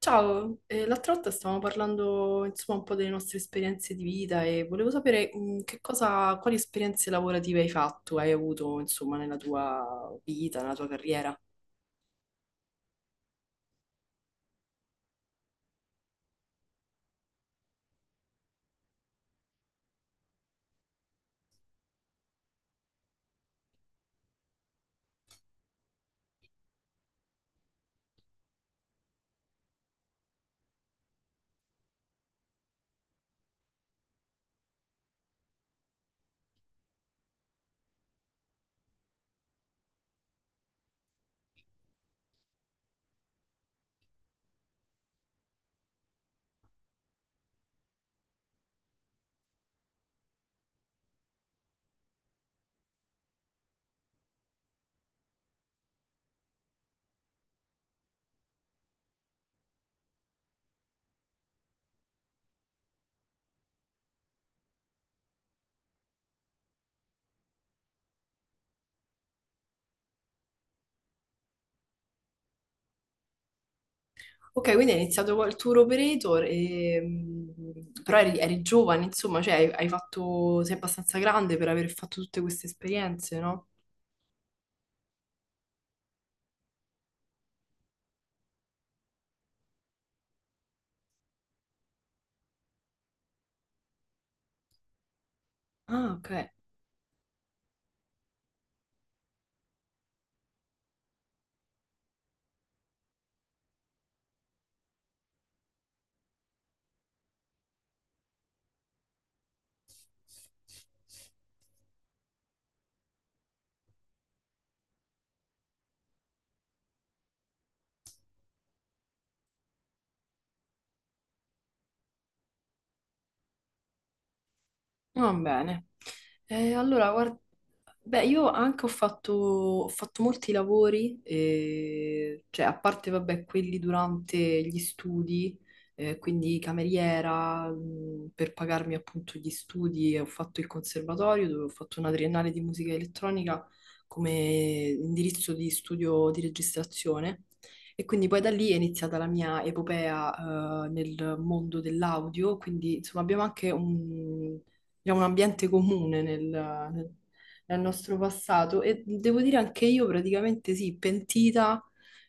Ciao, l'altra volta stavamo parlando insomma un po' delle nostre esperienze di vita e volevo sapere che cosa, quali esperienze lavorative hai fatto, hai avuto insomma nella tua vita, nella tua carriera. Ok, quindi hai iniziato col tour operator, e, però eri giovane, insomma, cioè hai fatto, sei abbastanza grande per aver fatto tutte queste esperienze, no? Ah, ok. Va bene. Allora, guarda, beh, io anche ho fatto molti lavori, cioè a parte, vabbè, quelli durante gli studi, quindi cameriera, per pagarmi appunto gli studi, e ho fatto il conservatorio dove ho fatto una triennale di musica elettronica come indirizzo di studio di registrazione. E quindi poi da lì è iniziata la mia epopea, nel mondo dell'audio, quindi insomma abbiamo anche un diciamo, un ambiente comune nel nostro passato e devo dire anche io praticamente sì, pentita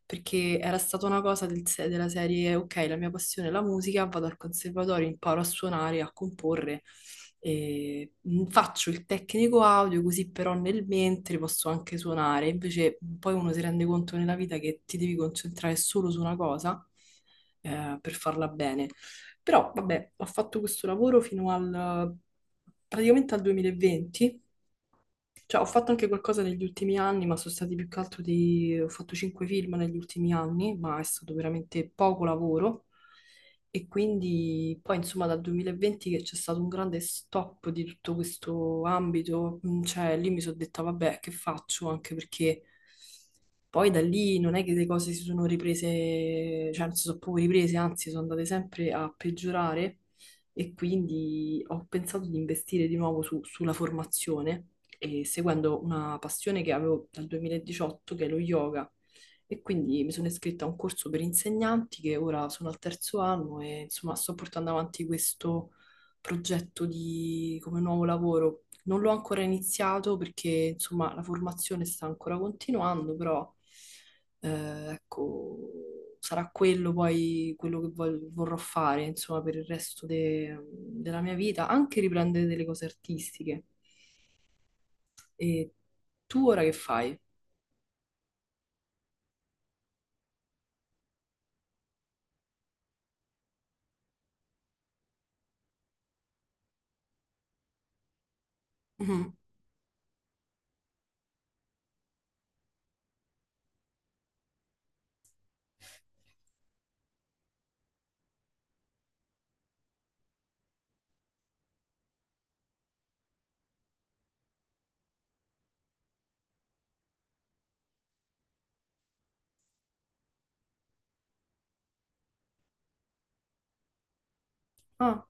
perché era stata una cosa del se- della serie, ok, la mia passione è la musica, vado al conservatorio, imparo a suonare, a comporre, e faccio il tecnico audio così però nel mentre posso anche suonare, invece poi uno si rende conto nella vita che ti devi concentrare solo su una cosa per farla bene. Però, vabbè, ho fatto questo lavoro praticamente al 2020. Cioè, ho fatto anche qualcosa negli ultimi anni, ma sono stati più che altro Ho fatto cinque film negli ultimi anni, ma è stato veramente poco lavoro. E quindi poi, insomma, dal 2020 che c'è stato un grande stop di tutto questo ambito, cioè lì mi sono detta, vabbè, che faccio? Anche perché poi da lì non è che le cose si sono riprese, cioè non si sono proprio riprese, anzi sono andate sempre a peggiorare e quindi ho pensato di investire di nuovo sulla formazione e seguendo una passione che avevo dal 2018, che è lo yoga. E quindi mi sono iscritta a un corso per insegnanti che ora sono al terzo anno e insomma sto portando avanti questo progetto di, come nuovo lavoro. Non l'ho ancora iniziato perché insomma la formazione sta ancora continuando, però ecco, sarà quello poi quello che vorrò fare insomma per il resto della mia vita, anche riprendere delle cose artistiche. E tu ora che fai? Mhm. Ah.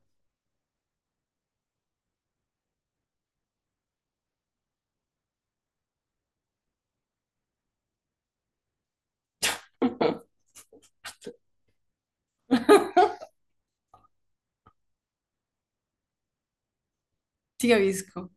Ti capisco,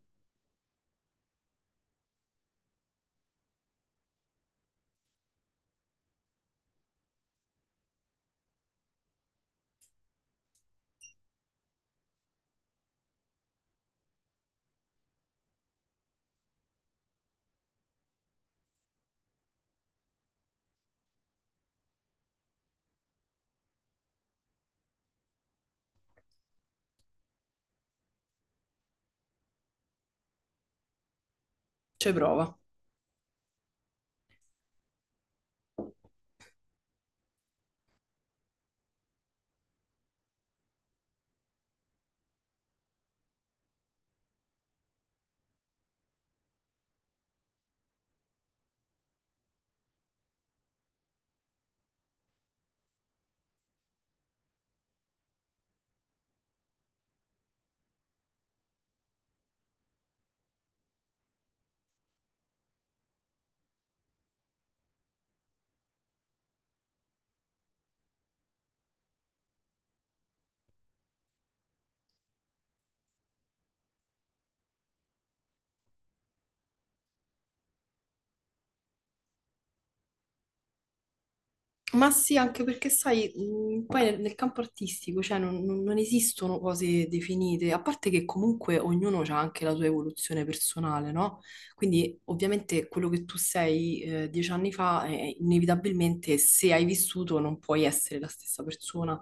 c'è prova. Ma sì, anche perché sai, poi nel campo artistico, cioè, non esistono cose definite, a parte che comunque ognuno ha anche la sua evoluzione personale, no? Quindi ovviamente quello che tu sei 10 anni fa, inevitabilmente se hai vissuto non puoi essere la stessa persona.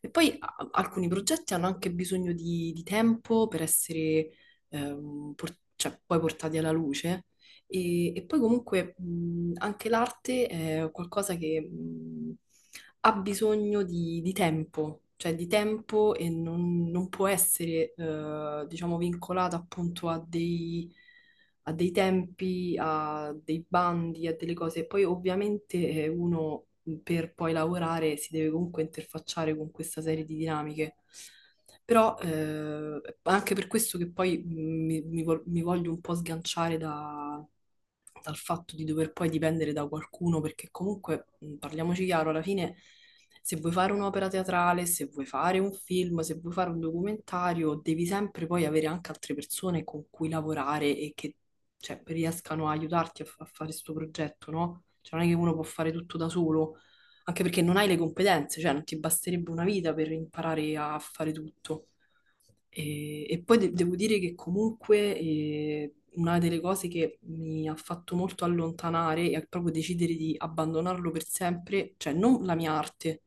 E poi alcuni progetti hanno anche bisogno di tempo per essere cioè, poi portati alla luce. E poi comunque anche l'arte è qualcosa che ha bisogno di tempo, cioè di tempo e non, non può essere, diciamo, vincolata appunto a dei tempi, a dei bandi, a delle cose. Poi ovviamente uno per poi lavorare si deve comunque interfacciare con questa serie di dinamiche. Però anche per questo che poi mi voglio un po' sganciare dal fatto di dover poi dipendere da qualcuno, perché comunque, parliamoci chiaro, alla fine se vuoi fare un'opera teatrale, se vuoi fare un film, se vuoi fare un documentario, devi sempre poi avere anche altre persone con cui lavorare e che cioè, riescano a aiutarti a, a fare questo progetto, no? Cioè non è che uno può fare tutto da solo anche perché non hai le competenze, cioè non ti basterebbe una vita per imparare a fare tutto. E poi devo dire che comunque una delle cose che mi ha fatto molto allontanare è proprio decidere di abbandonarlo per sempre, cioè non la mia arte,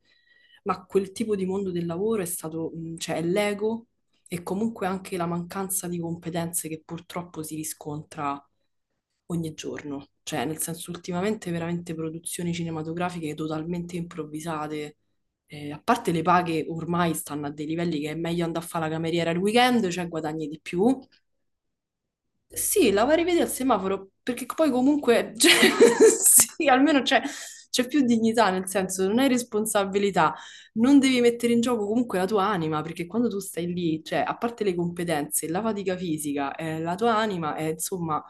ma quel tipo di mondo del lavoro è stato, cioè è l'ego e comunque anche la mancanza di competenze che purtroppo si riscontra ogni giorno, cioè nel senso ultimamente veramente produzioni cinematografiche totalmente improvvisate. A parte le paghe ormai stanno a dei livelli che è meglio andare a fare la cameriera il weekend, cioè guadagni di più. Sì, la vai a rivedere al semaforo, perché poi comunque, cioè, sì, almeno c'è più dignità, nel senso non hai responsabilità, non devi mettere in gioco comunque la tua anima, perché quando tu stai lì, cioè a parte le competenze, la fatica fisica, la tua anima è insomma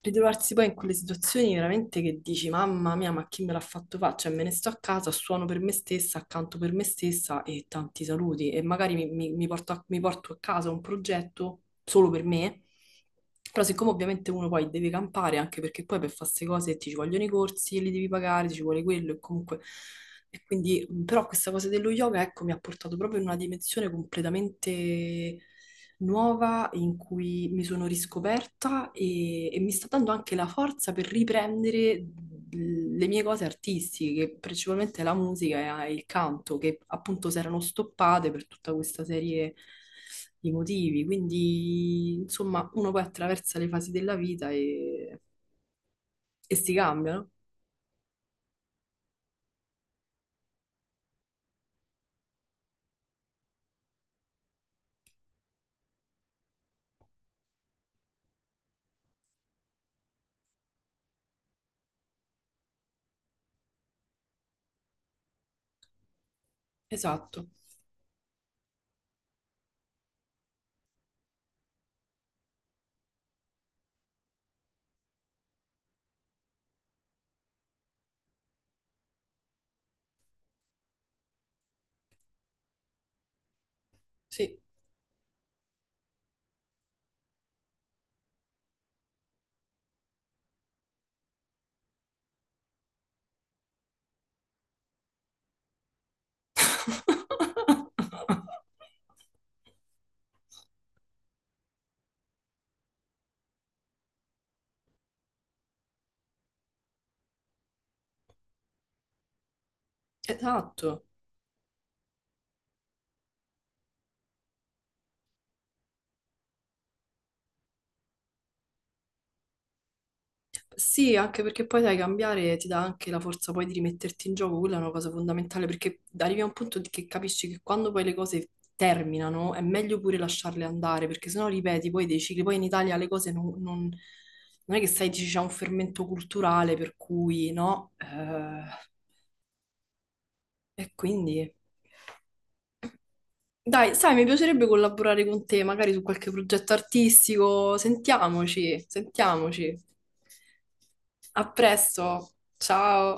ritrovarsi poi in quelle situazioni veramente che dici, mamma mia, ma chi me l'ha fatto fare? Cioè, me ne sto a casa, suono per me stessa, accanto per me stessa e tanti saluti. E magari mi porto a casa un progetto solo per me. Però siccome ovviamente uno poi deve campare, anche perché poi per fare queste cose ti ci vogliono i corsi, e li devi pagare, ti ci vuole quello e comunque... E quindi, però questa cosa dello yoga, ecco, mi ha portato proprio in una dimensione completamente nuova in cui mi sono riscoperta e mi sta dando anche la forza per riprendere le mie cose artistiche, principalmente la musica e il canto, che appunto si erano stoppate per tutta questa serie di motivi. Quindi, insomma, uno poi attraversa le fasi della vita e si cambia, no? Esatto, sì. Esatto. Sì, anche perché poi sai, cambiare ti dà anche la forza poi di rimetterti in gioco, quella è una cosa fondamentale perché arrivi a un punto che capisci che quando poi le cose terminano è meglio pure lasciarle andare perché sennò ripeti poi dei cicli, poi in Italia le cose non è che sai, dici, c'è un fermento culturale per cui no. E quindi... Dai, sai, mi piacerebbe collaborare con te magari su qualche progetto artistico, sentiamoci, sentiamoci. A presto, ciao!